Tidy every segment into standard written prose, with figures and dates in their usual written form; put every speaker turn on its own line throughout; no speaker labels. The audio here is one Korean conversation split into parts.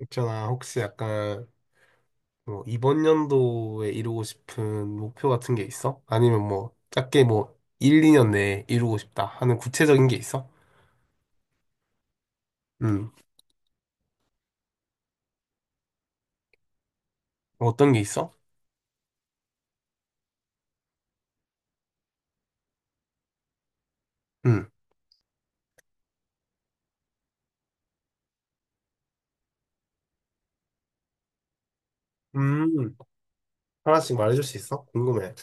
있잖아, 혹시 약간 뭐 이번 연도에 이루고 싶은 목표 같은 게 있어? 아니면 뭐 작게 뭐 1, 2년 내에 이루고 싶다 하는 구체적인 게 있어? 음, 어떤 게 있어? 음, 음, 하나씩 말해줄 수 있어? 궁금해.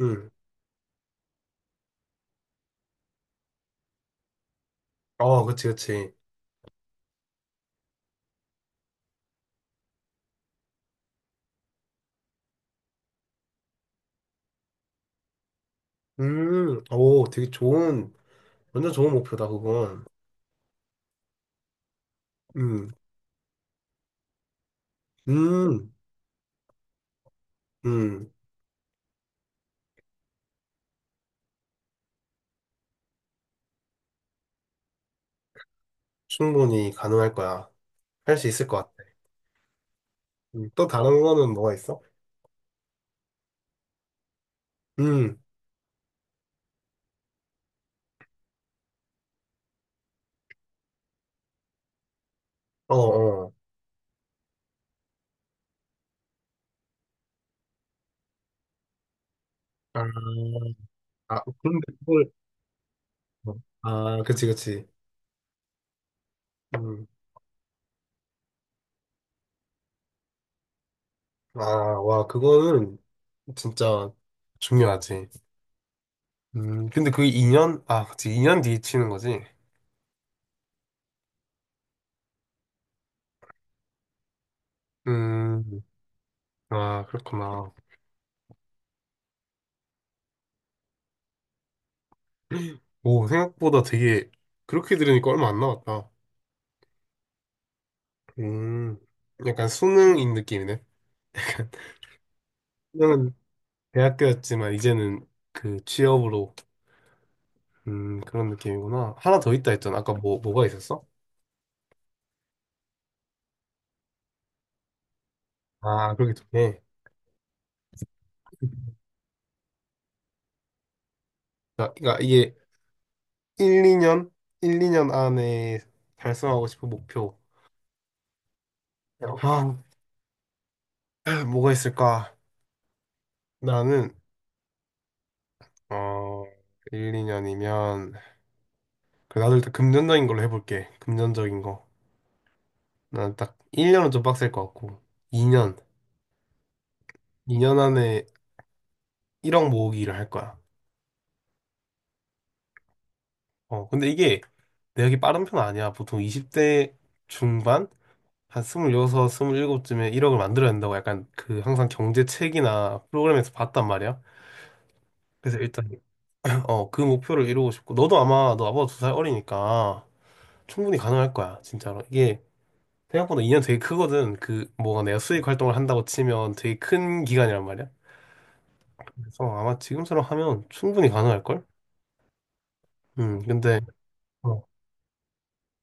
음, 어, 그치, 그치. 오, 되게 좋은, 완전 좋은 목표다, 그건. 음, 음, 음, 충분히 가능할 거야. 할 수 있을 것 같아. 또 다른 거는 뭐가 있어? 음, 어, 어. 아, 아, 그런데 그걸, 어. 아, 그치, 그치. 음. 아, 와, 그거는 진짜 중요하지. 근데 그 2년? 아, 그치, 2년 뒤에 치는 거지. 음, 아, 그렇구나. 오, 생각보다 되게, 그렇게 들으니까 얼마 안 남았다. 음, 약간 수능인 느낌이네. 수능은 대학교였지만, 이제는 그 취업으로, 그런 느낌이구나. 하나 더 있다 했잖아. 아까 뭐가 있었어? 아, 그러게 좋네. 그러니까 이게 1, 2년? 1, 2년 안에 달성하고 싶은 목표. 아, 뭐가 있을까? 나는, 어, 1, 2년이면, 나도 일단 금전적인 걸로 해볼게. 금전적인 거. 난 딱 1년은 좀 빡셀 것 같고, 2년. 2년 안에 1억 모으기를 할 거야. 어, 근데 이게 내역이 빠른 편 아니야. 보통 20대 중반? 한 26, 27쯤에 1억을 만들어야 된다고 약간 그 항상 경제 책이나 프로그램에서 봤단 말이야. 그래서 일단 어, 그 목표를 이루고 싶고, 너도 아마, 너 아빠가 두 살 어리니까 충분히 가능할 거야, 진짜로. 이게 생각보다 2년 되게 크거든. 그, 뭐가 내가 수익 활동을 한다고 치면 되게 큰 기간이란 말이야. 그래서 아마 지금처럼 하면 충분히 가능할걸? 근데, 어,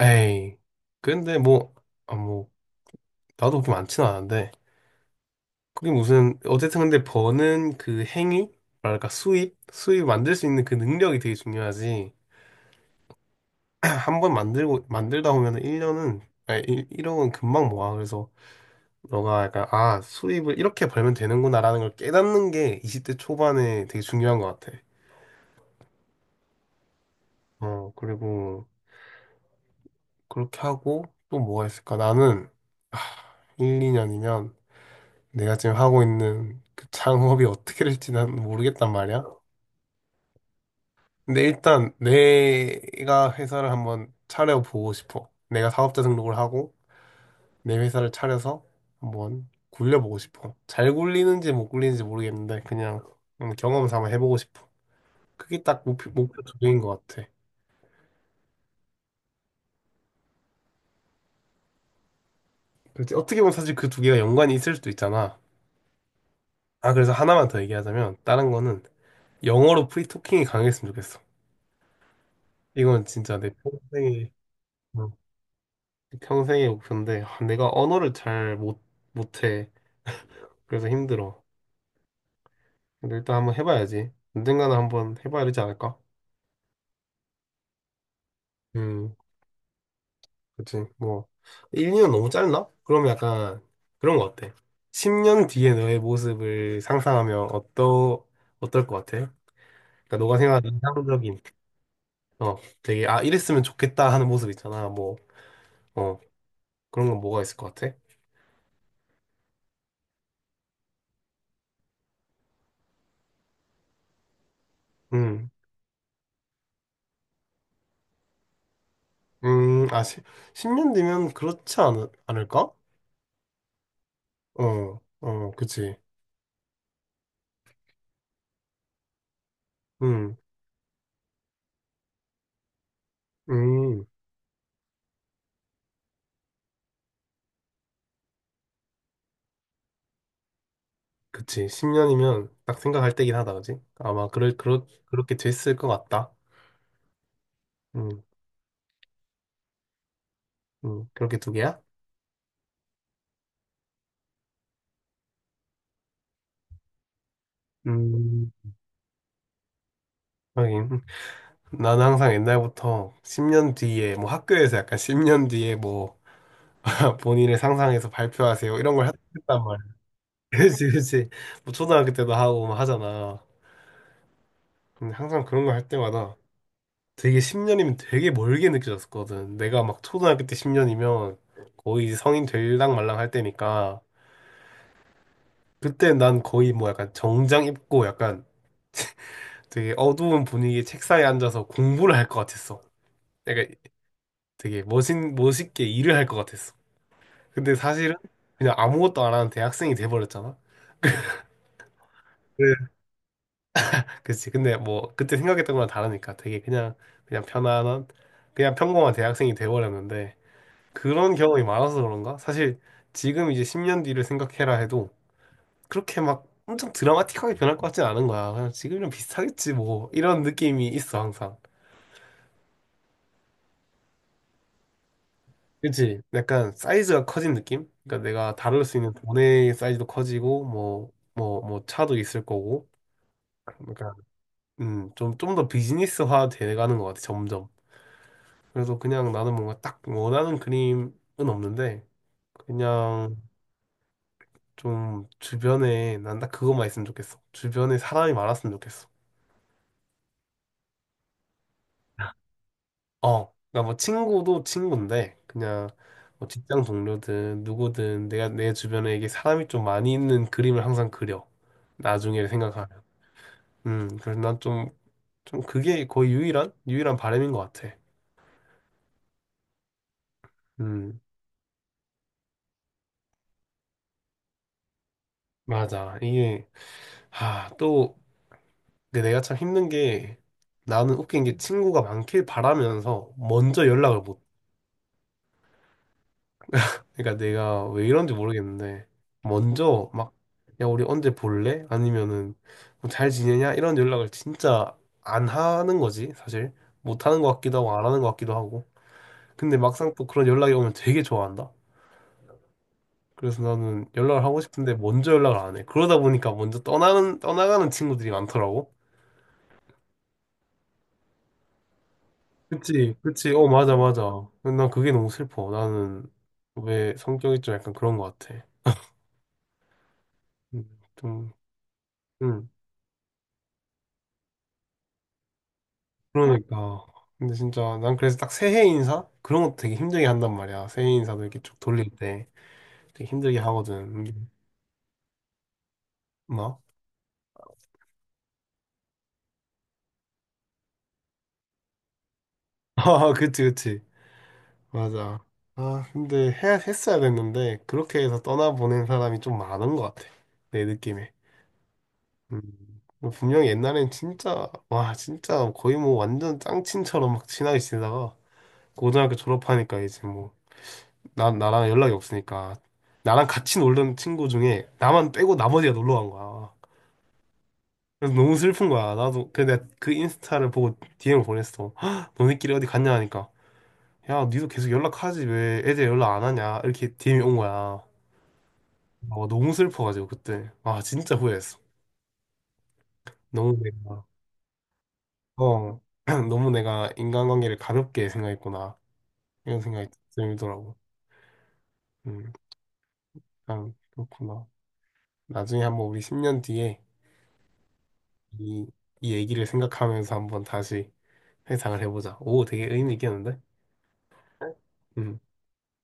에이. 근데 뭐, 아, 뭐, 나도 그렇게 많지는 않은데, 그게 무슨, 어쨌든 근데 버는 그 행위? 뭐랄까, 수입? 수입 만들 수 있는 그 능력이 되게 중요하지. 한 번 만들고 만들다 보면은 1년은 아니 1억은 금방 모아. 그래서 너가 약간 아, 수입을 이렇게 벌면 되는구나라는 걸 깨닫는 게 20대 초반에 되게 중요한 것 같아. 어, 그리고 그렇게 하고 또 뭐가 있을까? 나는 아, 1, 2년이면 내가 지금 하고 있는 그 창업이 어떻게 될지 난 모르겠단 말이야. 근데 일단 내가 회사를 한번 차려보고 싶어. 내가 사업자 등록을 하고 내 회사를 차려서 한번 굴려보고 싶어. 잘 굴리는지 못 굴리는지 모르겠는데 그냥 경험 삼아 해보고 싶어. 그게 딱 목표, 목표 두 개인 것 같아. 그렇지. 어떻게 보면 사실 그 두 개가 연관이 있을 수도 있잖아. 아, 그래서 하나만 더 얘기하자면 다른 거는 영어로 프리토킹이 강했으면 좋겠어. 이건 진짜 내 평생의 어, 평생의 목표인데 아, 내가 언어를 잘 못, 못해. 그래서 힘들어. 근데 일단 한번 해봐야지. 언젠가는 한번 해봐야 되지 않을까? 음. 그치. 뭐, 1년 너무 짧나? 그럼 약간 그런 거 어때? 10년 뒤에 너의 모습을 상상하면 어떨 것 같아? 그러니까 너가 생각하는 이상적인, 어, 되게, 아, 이랬으면 좋겠다 하는 모습 있잖아. 뭐, 어, 그런 건 뭐가 있을 것 같아? 음, 아, 10, 년 뒤면 그렇지 않을까? 어, 어, 그치. 음, 음, 그치. 10년이면 딱 생각할 때긴 하다, 그치? 아마 그렇게 됐을 것 같다. 음, 그렇게 두 개야? 음, 하긴. 나는 항상 옛날부터 10년 뒤에, 뭐 학교에서 약간 10년 뒤에 뭐 본인을 상상해서 발표하세요. 이런 걸 했단 말이야. 그치, 그치. 뭐 초등학교 때도 하고 막 하잖아. 근데 항상 그런 거 할 때마다 되게 10년이면 되게 멀게 느껴졌거든. 내가 막 초등학교 때 10년이면 거의 이제 성인 될랑 말랑 할 때니까. 그때 난 거의 뭐 약간 정장 입고 약간 되게 어두운 분위기 책상에 앉아서 공부를 할 것 같았어. 되게 멋있게 일을 할 것 같았어. 근데 사실은 그냥 아무것도 안 하는 대학생이 돼버렸잖아. 그래. 그치. 근데 뭐 그때 생각했던 거랑 다르니까 되게 그냥 그냥 편안한 그냥 평범한 대학생이 돼버렸는데 그런 경험이 많아서 그런가? 사실 지금 이제 10년 뒤를 생각해라 해도 그렇게 막 엄청 드라마틱하게 변할 것 같진 않은 거야. 그냥 지금이랑 비슷하겠지 뭐 이런 느낌이 있어 항상. 그치? 약간 사이즈가 커진 느낌? 그러니까 내가 다룰 수 있는 돈의 사이즈도 커지고 뭐 차도 있을 거고 그러니까 음좀 좀좀 더 비즈니스화 돼가는 것 같아 점점. 그래서 그냥 나는 뭔가 딱 원하는 그림은 없는데 그냥 좀 주변에 난 딱 그것만 있으면 좋겠어. 주변에 사람이 많았으면 좋겠어. 어, 그러니까 뭐 친구도 친구인데 그냥 뭐 직장 동료든 누구든 내가 내 주변에 이게 사람이 좀 많이 있는 그림을 항상 그려. 나중에 생각하면. 그래서 난 좀 그게 거의 유일한 바람인 것 같아. 음, 맞아. 이게 아, 또 근데 내가 참 힘든 게 나는 웃긴 게 친구가 많길 바라면서 먼저 연락을 못 해. 그러니까 내가 왜 이런지 모르겠는데 먼저 막 야 우리 언제 볼래? 아니면은 뭐잘 지내냐? 이런 연락을 진짜 안 하는 거지 사실. 못 하는 것 같기도 하고 안 하는 것 같기도 하고 근데 막상 또 그런 연락이 오면 되게 좋아한다. 그래서 나는 연락을 하고 싶은데 먼저 연락을 안 해. 그러다 보니까 먼저 떠나는 떠나가는 친구들이 많더라고. 그치, 그치, 어, 맞아, 맞아. 난 그게 너무 슬퍼. 나는 왜 성격이 좀 약간 그런 것 같아. 음, 좀. 음. 그러니까. 근데 진짜 난 그래서 딱 새해 인사? 그런 것도 되게 힘들게 한단 말이야. 새해 인사도 이렇게 쭉 돌릴 때 되게 힘들게 하거든. 음, 뭐? 아, 그치, 그치. 맞아. 아, 근데 했어야 됐는데 그렇게 해서 떠나보낸 사람이 좀 많은 것 같아. 내 느낌에. 음. 뭐 분명히 옛날엔 진짜, 와, 진짜 거의 뭐 완전 짱친처럼 막 친하게 지내다가 고등학교 졸업하니까 이제 뭐, 나랑 연락이 없으니까 나랑 같이 놀던 친구 중에 나만 빼고 나머지가 놀러 간 거야. 그래서 너무 슬픈 거야. 나도 근데 내가 그 인스타를 보고 DM을 보냈어. "헉, 너네끼리 어디 갔냐?" 하니까 "야, 니도 계속 연락하지 왜 애들 연락 안 하냐?" 이렇게 DM이 온 거야. 어, 너무 슬퍼가지고 그때 아 진짜 후회했어. 너무 내가, 어, 너무 내가 인간관계를 가볍게 생각했구나 이런 생각이 들더라고. 음, 참 그렇구나. 나중에 한번 우리 10년 뒤에 이, 이 얘기를 생각하면서 한번 다시 회상을 해보자. 오, 되게 의미 있겠는데? 음.